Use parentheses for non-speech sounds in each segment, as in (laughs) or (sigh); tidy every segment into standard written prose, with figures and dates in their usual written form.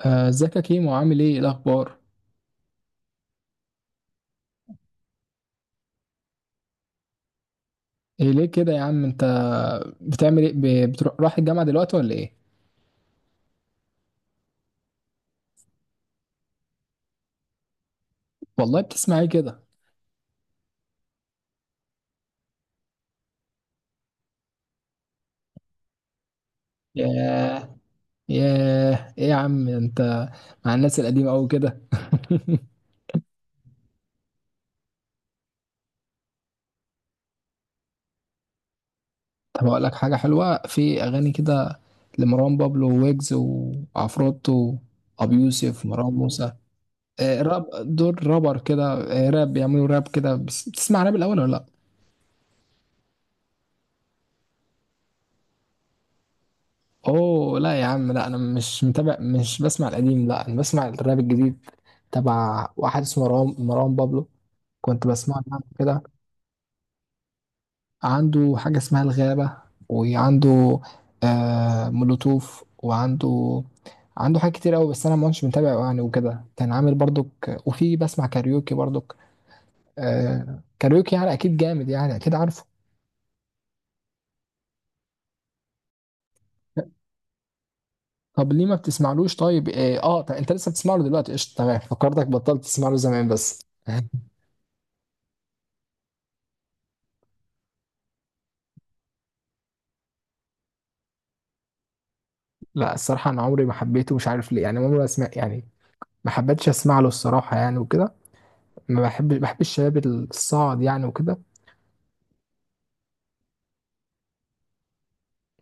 آه، ازيك يا كيمو؟ عامل ايه؟ إيه الاخبار؟ إيه ليه كده يا عم انت؟ بتعمل ايه؟ بتروح رايح الجامعه دلوقتي ولا ايه؟ والله بتسمع ايه كده؟ ياه. ياه، ايه يا عم انت؟ مع الناس القديمه قوي كده؟ (laughs) طب اقول لك حاجه حلوه في اغاني كده، لمروان بابلو ويجز وعفروتو، ابو يوسف، مروان موسى. آه، راب. دول رابر كده. آه، راب، بيعملوا راب كده. بتسمع راب الاول ولا لا؟ اوه لا يا عم، لا، انا مش متابع، مش بسمع القديم، لا انا بسمع الراب الجديد، تبع واحد اسمه مروان مروان بابلو، كنت بسمع عنه كده. عنده حاجة اسمها الغابة، وعنده آه مولوتوف، وعنده، عنده حاجات كتير قوي، بس انا ما كنتش متابعه يعني وكده، كان عامل برضك، وفي بسمع كاريوكي برضك. آه كاريوكي، يعني اكيد جامد، يعني اكيد عارفه. طب ليه ما بتسمعلوش؟ طيب طب انت لسه بتسمع له دلوقتي؟ قشطه، تمام، فكرتك بطلت تسمع له زمان بس. (laughs) لا الصراحة أنا عمري ما حبيته، مش عارف ليه يعني، عمري ما أسمع يعني، ما حبيتش أسمع له الصراحة يعني وكده. ما بحب بحب الشباب الصاعد يعني وكده.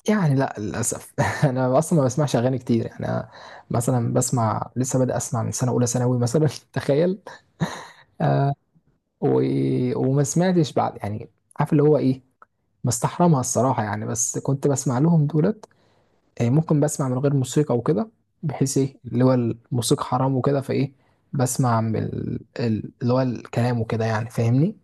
يعني لا للأسف. (laughs) أنا أصلا ما بسمعش أغاني كتير يعني، أنا مثلا بسمع، لسه بادئ أسمع من سنة أولى ثانوي مثلا. (laughs) تخيل. آه. و... وما سمعتش بعد يعني، عارف اللي هو إيه، مستحرمها الصراحة يعني، بس كنت بسمع لهم دولت. آه، ممكن بسمع من غير موسيقى وكده، بحيث ايه اللي هو الموسيقى حرام وكده فايه، بسمع من اللي هو الكلام وكده يعني، فاهمني؟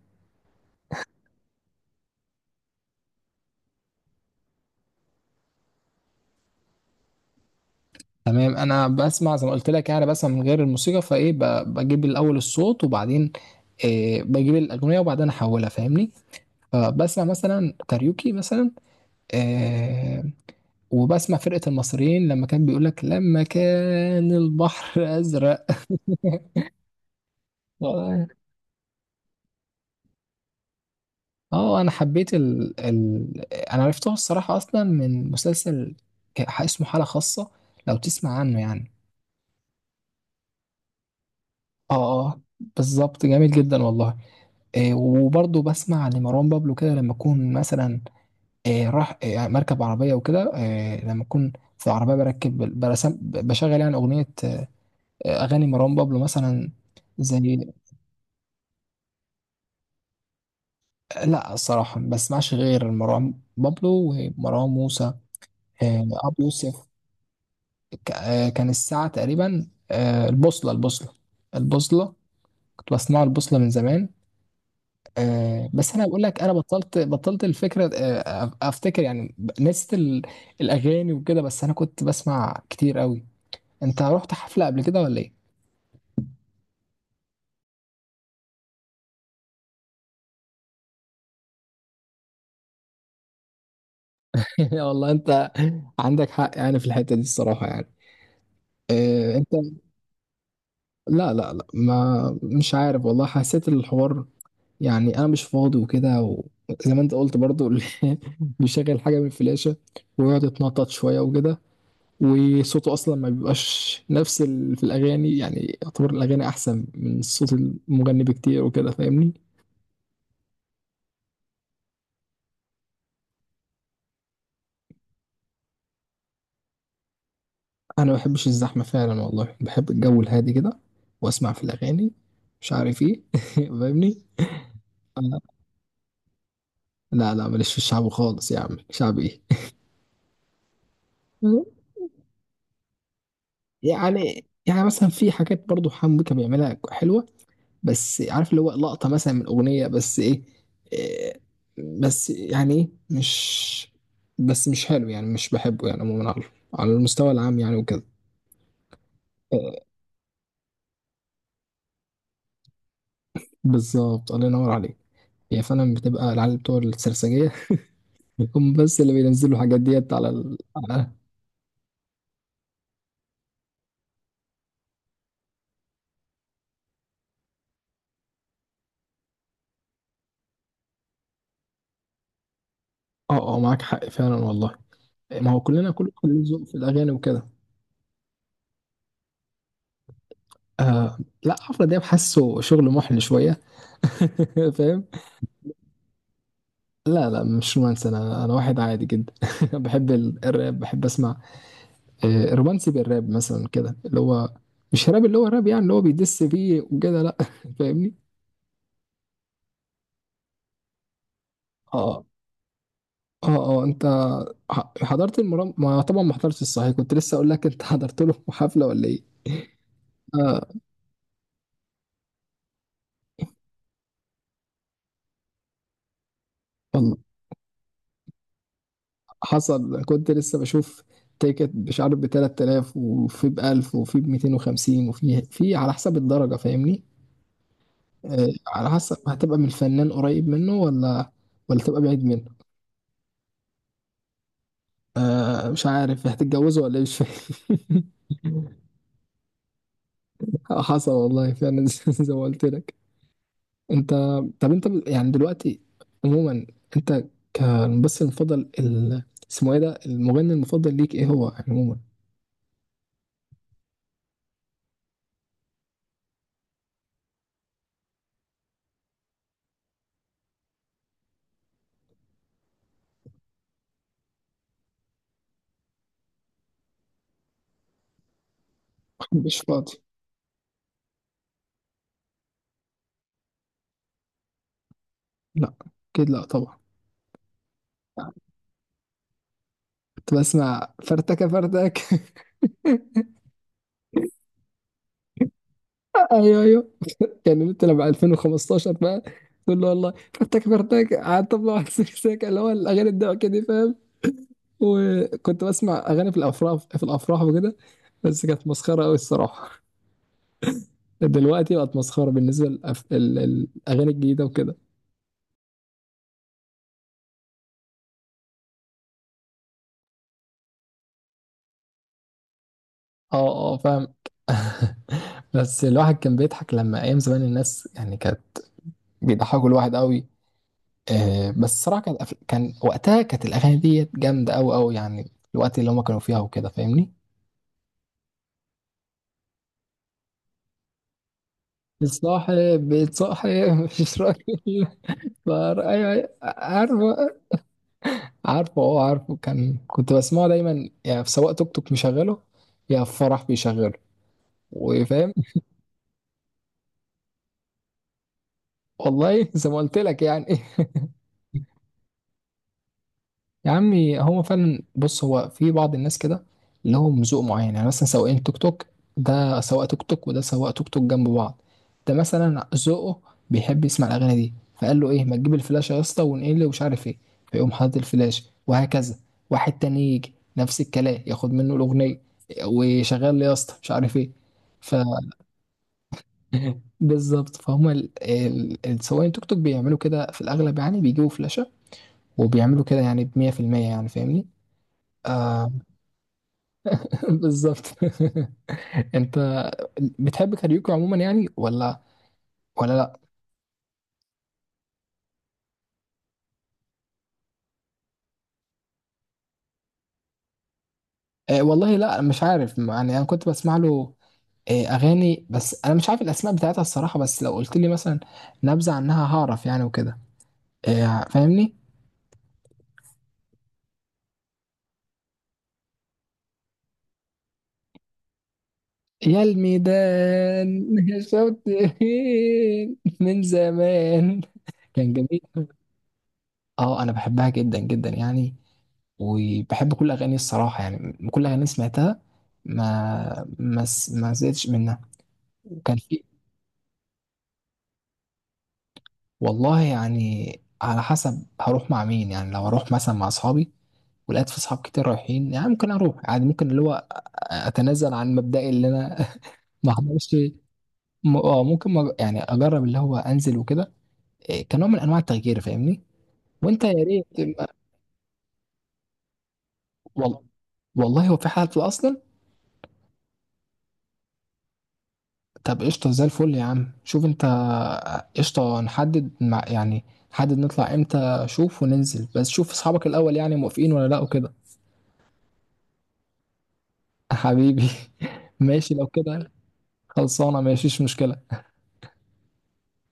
تمام، انا بسمع زي ما قلت لك يعني، بسمع من غير الموسيقى فايه، بجيب الاول الصوت وبعدين إيه، بجيب الاغنيه وبعدين احولها، فاهمني؟ فبسمع مثلا كاريوكي مثلا، إيه، وبسمع فرقه المصريين، لما كان بيقول لك لما كان البحر ازرق. (laughs) اه انا حبيت انا عرفته الصراحه اصلا من مسلسل اسمه حاله خاصه، لو تسمع عنه يعني. اه. اه، بالظبط، جميل جدا والله. إيه، وبرضه بسمع لمروان بابلو كده لما اكون مثلا إيه، راح إيه، مركب عربيه وكده، إيه لما اكون في عربيه بركب، برسم بشغل يعني اغنيه، آه، اغاني مروان بابلو مثلا. زي، لا الصراحه ما بسمعش غير مروان بابلو ومروان موسى. إيه، ابو يوسف. آه، كان الساعة تقريبا آه، البوصلة، البوصلة، البوصلة، كنت بصنع البوصلة من زمان. آه، بس أنا بقول لك، أنا بطلت، الفكرة آه، أفتكر يعني، نسيت الأغاني وكده، بس أنا كنت بسمع كتير قوي. أنت رحت حفلة قبل كده ولا إيه؟ (laughs) يا والله أنت، عندك حق يعني في الحتة دي الصراحة يعني. آه، أنت، لا لا لا، ما، مش عارف والله، حسيت الحوار يعني انا مش فاضي وكده، وزي ما انت قلت برضو. (laughs) بيشغل حاجه من الفلاشه، ويقعد يتنطط شويه وكده، وصوته اصلا ما بيبقاش نفس ال... في الاغاني، يعني يعتبر الاغاني احسن من صوت المغني بكتير وكده، فاهمني؟ انا ما بحبش الزحمه فعلا والله، بحب الجو الهادي كده، واسمع في الاغاني، مش عارف ايه. (laughs) فاهمني؟ أنا... لا لا، ماليش في الشعب خالص يا عم، شعب ايه؟ (laughs) يعني، يعني مثلا في حاجات برضو حمو بيكا بيعملها حلوه، بس عارف اللي هو، لقطة مثلا من أغنية، بس إيه، إيه، بس يعني إيه، مش، بس مش حلو يعني، مش بحبه يعني عموما، على على المستوى العام يعني وكده. إيه، بالظبط، الله ينور عليك. هي فعلا بتبقى العيال بتوع السرسجية. (laughs) هم بس اللي بينزلوا الحاجات ديت على ال... على... اه اه، معاك حق فعلا والله، ما هو كلنا، كل ذوق في الأغاني وكده. آه لا، عفرة دياب حاسه شغل محل شوية. (laughs) فاهم؟ لا لا، مش رومانسي، انا واحد عادي جدا. (laughs) بحب الراب، بحب اسمع آه، رومانسي بالراب مثلا كده، اللي هو مش راب، اللي هو راب يعني اللي هو بيدس فيه وكده، لا. (laughs) فاهمني؟ اه اه. اه انت، حضرت المرام، ما طبعا ما حضرتش الصحيح، كنت لسه اقول لك انت. (laughs) حضرت له حفله ولا ايه؟ اه والله، حصل كنت لسه بشوف تيكت، مش عارف ب 3000، وفي ب 1000، وفي ب 250، وفي، في على حسب الدرجه، فاهمني؟ آه، على حسب هتبقى من الفنان قريب منه، ولا ولا تبقى بعيد منه. آه مش عارف، هتتجوزه ولا إيه؟ مش فاهم. (laughs) حصل والله فعلا. (laughs) زي ما قلت لك. انت، طب انت يعني دلوقتي، عموما، انت، كالممثل المفضل ال... اسمه ايه ده، المغني المفضل ليك ايه هو يعني عموما؟ مش فاضي. لا، اكيد لا طبعا. كنت بسمع فرتكه فرتك. (laughs) ايوه ايوه، كان انت لما 2015 بقى، تقول له والله فرتك فرتك، قعدت طبلة واحد سكسك. (laughs) اللي هو الاغاني الضحك دي، فاهم؟ وكنت بسمع اغاني في الافراح، وكده، بس كانت مسخره قوي الصراحه. دلوقتي بقت مسخره بالنسبه للأف... الاغاني الجديده وكده. اه اه فاهم. (laughs) بس الواحد كان بيضحك لما ايام زمان، الناس يعني كانت بيضحكوا الواحد قوي. آه بس الصراحه كانت أف... كان وقتها كانت الاغاني دي جامده قوي قوي يعني، الوقت اللي هما كانوا فيها وكده، فاهمني؟ بتصاحب. (laughs) مش راجل. فار- ايوه، أيوة، عارفه، عارفه اه، عارفه، كان كنت بسمعه دايما يعني، في سواق توك توك مشغله، يا في فرح بيشغله، وفاهم. والله. (laughs) زي ما قلت لك يعني. (laughs) يا عمي، هو فعلا بص، هو في بعض الناس كده لهم ذوق معين يعني، مثلا سواقين توك توك، ده سواق توك توك وده سواق توك توك جنب بعض، ده مثلا ذوقه بيحب يسمع الاغاني دي، فقال له ايه، ما تجيب الفلاش يا اسطى ونقل ومش عارف ايه، فيقوم حاطط الفلاش وهكذا. واحد تاني يجي نفس الكلام ياخد منه الاغنيه، وشغال لي يا اسطى مش عارف ايه. ف (laughs) بالظبط، فهم السواقين توك توك بيعملوا كده في الاغلب يعني، بيجيبوا فلاشه وبيعملوا كده يعني، ب 100%، يعني فاهمني؟ آه. (laughs) بالظبط. (laughs) انت بتحب كاريوكي عموما يعني، ولا ولا لا؟ اه والله لا، مش عارف يعني، انا كنت بسمع له اه اغاني، بس انا مش عارف الاسماء بتاعتها الصراحه، بس لو قلت لي مثلا نبذه عنها هعرف يعني وكده، اه فاهمني؟ يا الميدان شوت، من زمان، كان جميل. اه انا بحبها جدا جدا يعني، وبحب كل اغاني الصراحه يعني، كل اغاني سمعتها ما ما ما زهقتش منها، وكان في. والله يعني، على حسب هروح مع مين يعني، لو هروح مثلا مع اصحابي ولقيت في اصحاب كتير رايحين، يعني ممكن اروح، يعني ممكن اللي هو اتنازل عن مبدئي اللي انا. (laughs) ما احضرش؟ اه ممكن، يعني اجرب اللي هو انزل وكده، إيه، كنوع من انواع التغيير، فاهمني؟ وانت يا ريت وال- والله هو في حالة اصلا. طب قشطة، زي الفل يا عم، شوف انت، قشطة نحدد مع يعني، نحدد نطلع امتى، شوف وننزل، بس شوف اصحابك الاول يعني موافقين ولا لا وكده. حبيبي. (laughs) ماشي لو كده. خلصانة، ماشيش مشكلة.